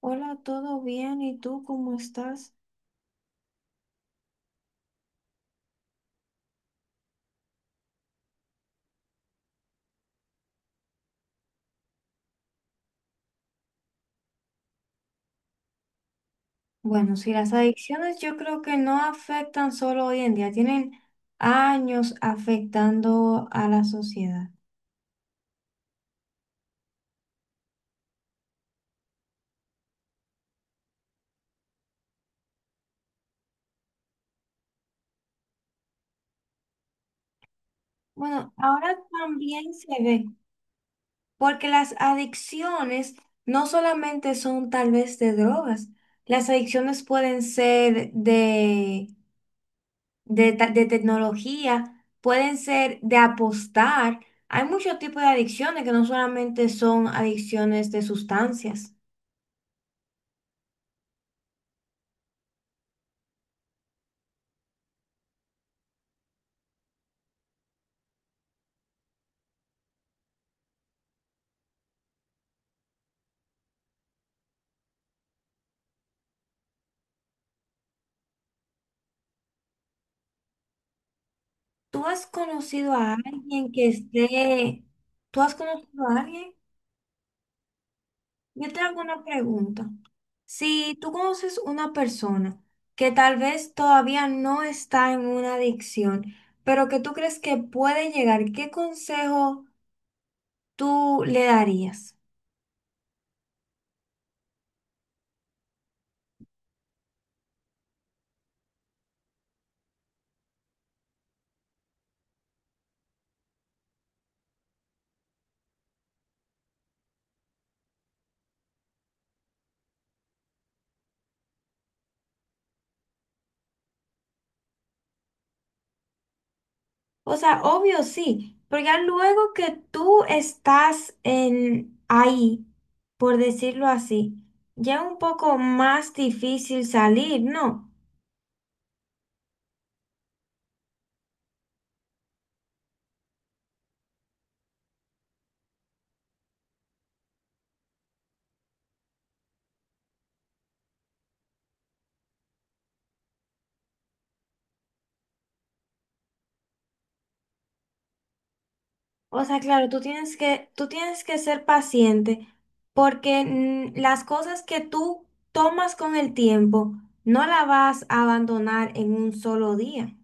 Hola, ¿todo bien? ¿Y tú cómo estás? Bueno, sí, las adicciones yo creo que no afectan solo hoy en día, tienen años afectando a la sociedad. Bueno, ahora también se ve, porque las adicciones no solamente son tal vez de drogas, las adicciones pueden ser de tecnología, pueden ser de apostar. Hay muchos tipos de adicciones que no solamente son adicciones de sustancias. ¿Tú has conocido a alguien que esté... ¿Tú has conocido a alguien? Yo te hago una pregunta. Si tú conoces una persona que tal vez todavía no está en una adicción, pero que tú crees que puede llegar, ¿qué consejo tú le darías? O sea, obvio sí, pero ya luego que tú estás en ahí, por decirlo así, ya es un poco más difícil salir, ¿no? O sea, claro, tú tienes que ser paciente porque las cosas que tú tomas con el tiempo no las vas a abandonar en un solo día.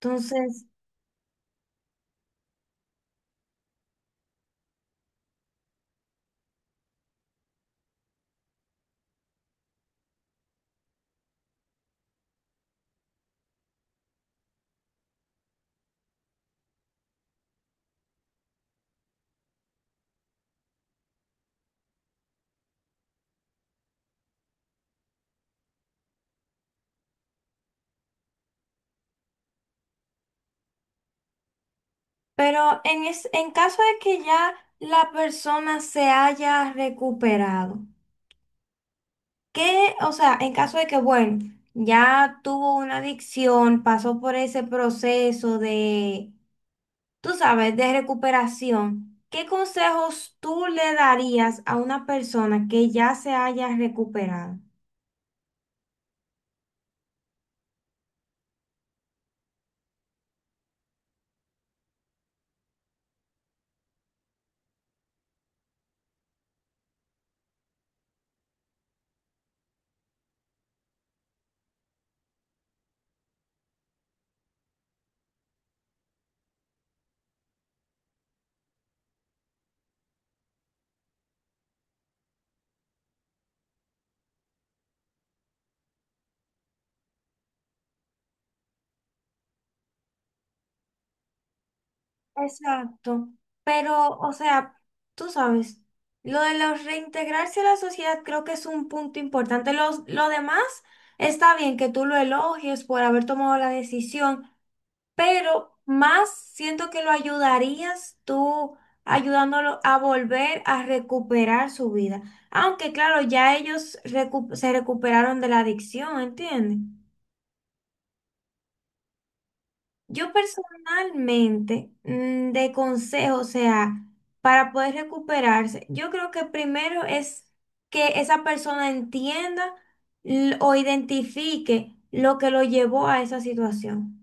Entonces, pero en caso de que ya la persona se haya recuperado, ¿qué? O sea, en caso de que, bueno, ya tuvo una adicción, pasó por ese proceso de tú sabes, de recuperación, ¿qué consejos tú le darías a una persona que ya se haya recuperado? Exacto, pero, o sea, tú sabes, lo de los reintegrarse a la sociedad creo que es un punto importante. Lo demás está bien que tú lo elogies por haber tomado la decisión, pero más siento que lo ayudarías tú ayudándolo a volver a recuperar su vida. Aunque claro, ya ellos se recuperaron de la adicción, ¿entiendes? Yo personalmente, de consejo, o sea, para poder recuperarse, yo creo que primero es que esa persona entienda o identifique lo que lo llevó a esa situación.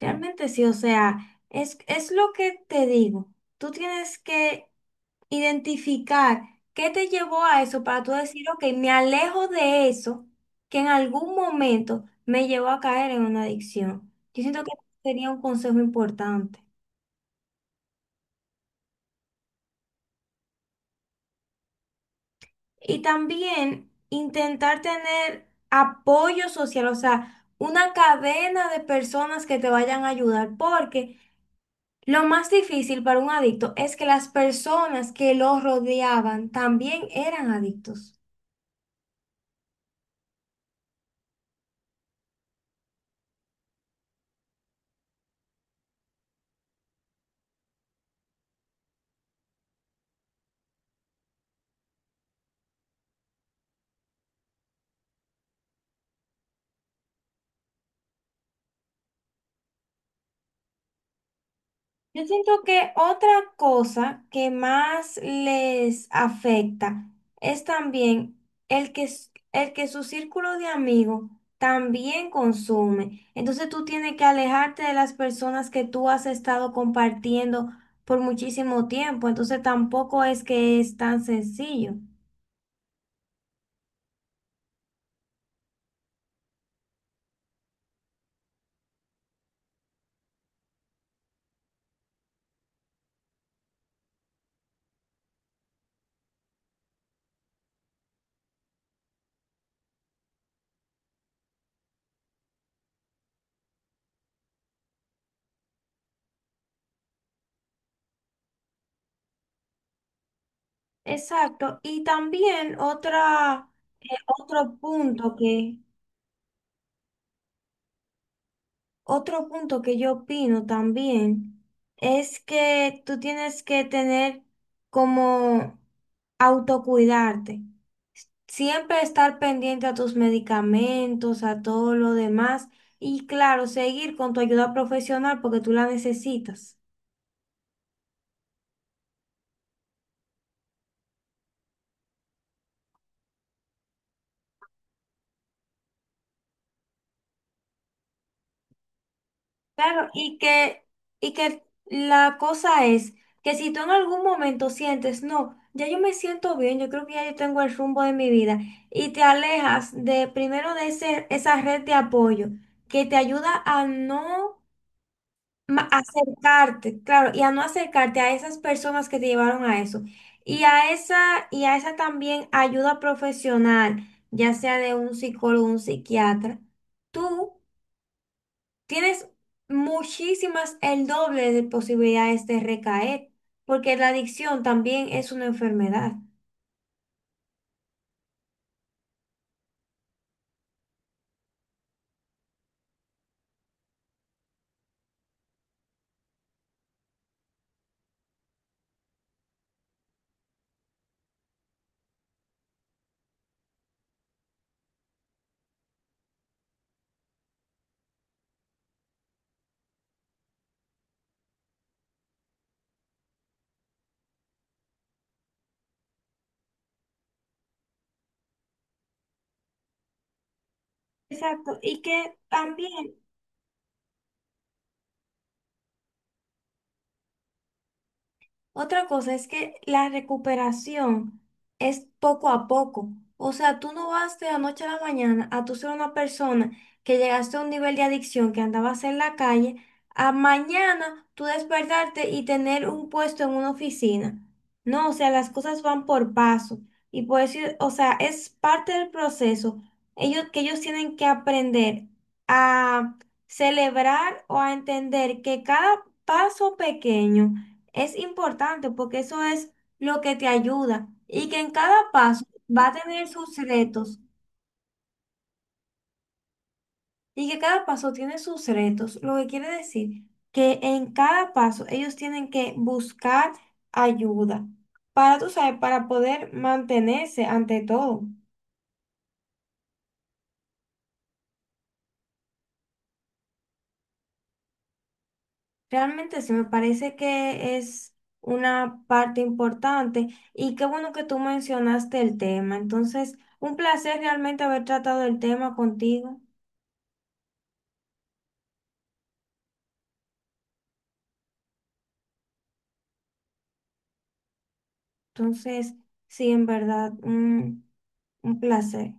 Realmente sí, o sea, es lo que te digo. Tú tienes que identificar qué te llevó a eso para tú decir, ok, me alejo de eso que en algún momento me llevó a caer en una adicción. Yo siento que sería un consejo importante. Y también intentar tener apoyo social, o sea, una cadena de personas que te vayan a ayudar, porque... Lo más difícil para un adicto es que las personas que lo rodeaban también eran adictos. Yo siento que otra cosa que más les afecta es también el que, el que su círculo de amigos también consume. Entonces tú tienes que alejarte de las personas que tú has estado compartiendo por muchísimo tiempo. Entonces tampoco es que es tan sencillo. Exacto. Y también otra... Otro punto que, otro punto que yo opino también es que tú tienes que tener como autocuidarte. Siempre estar pendiente a tus medicamentos, a todo lo demás y claro, seguir con tu ayuda profesional porque tú la necesitas. Claro, y que la cosa es que si tú en algún momento sientes, no, ya yo me siento bien, yo creo que ya yo tengo el rumbo de mi vida, y te alejas de primero de esa red de apoyo que te ayuda a no acercarte, claro, y a no acercarte a esas personas que te llevaron a eso, y a esa también ayuda profesional, ya sea de un psicólogo, un psiquiatra. Tú tienes muchísimas, el doble de posibilidades de recaer, porque la adicción también es una enfermedad. Exacto, y que también otra cosa es que la recuperación es poco a poco. O sea, tú no vas de la noche a la mañana a tú ser una persona que llegaste a un nivel de adicción que andabas en la calle, a mañana tú despertarte y tener un puesto en una oficina. No, o sea, las cosas van por paso. Y por eso, o sea, es parte del proceso. Ellos, que ellos tienen que aprender a celebrar o a entender que cada paso pequeño es importante porque eso es lo que te ayuda y que en cada paso va a tener sus retos y que cada paso tiene sus retos, lo que quiere decir que en cada paso ellos tienen que buscar ayuda para, tú sabes, para poder mantenerse ante todo. Realmente sí me parece que es una parte importante y qué bueno que tú mencionaste el tema. Entonces, un placer realmente haber tratado el tema contigo. Entonces, sí, en verdad, un placer.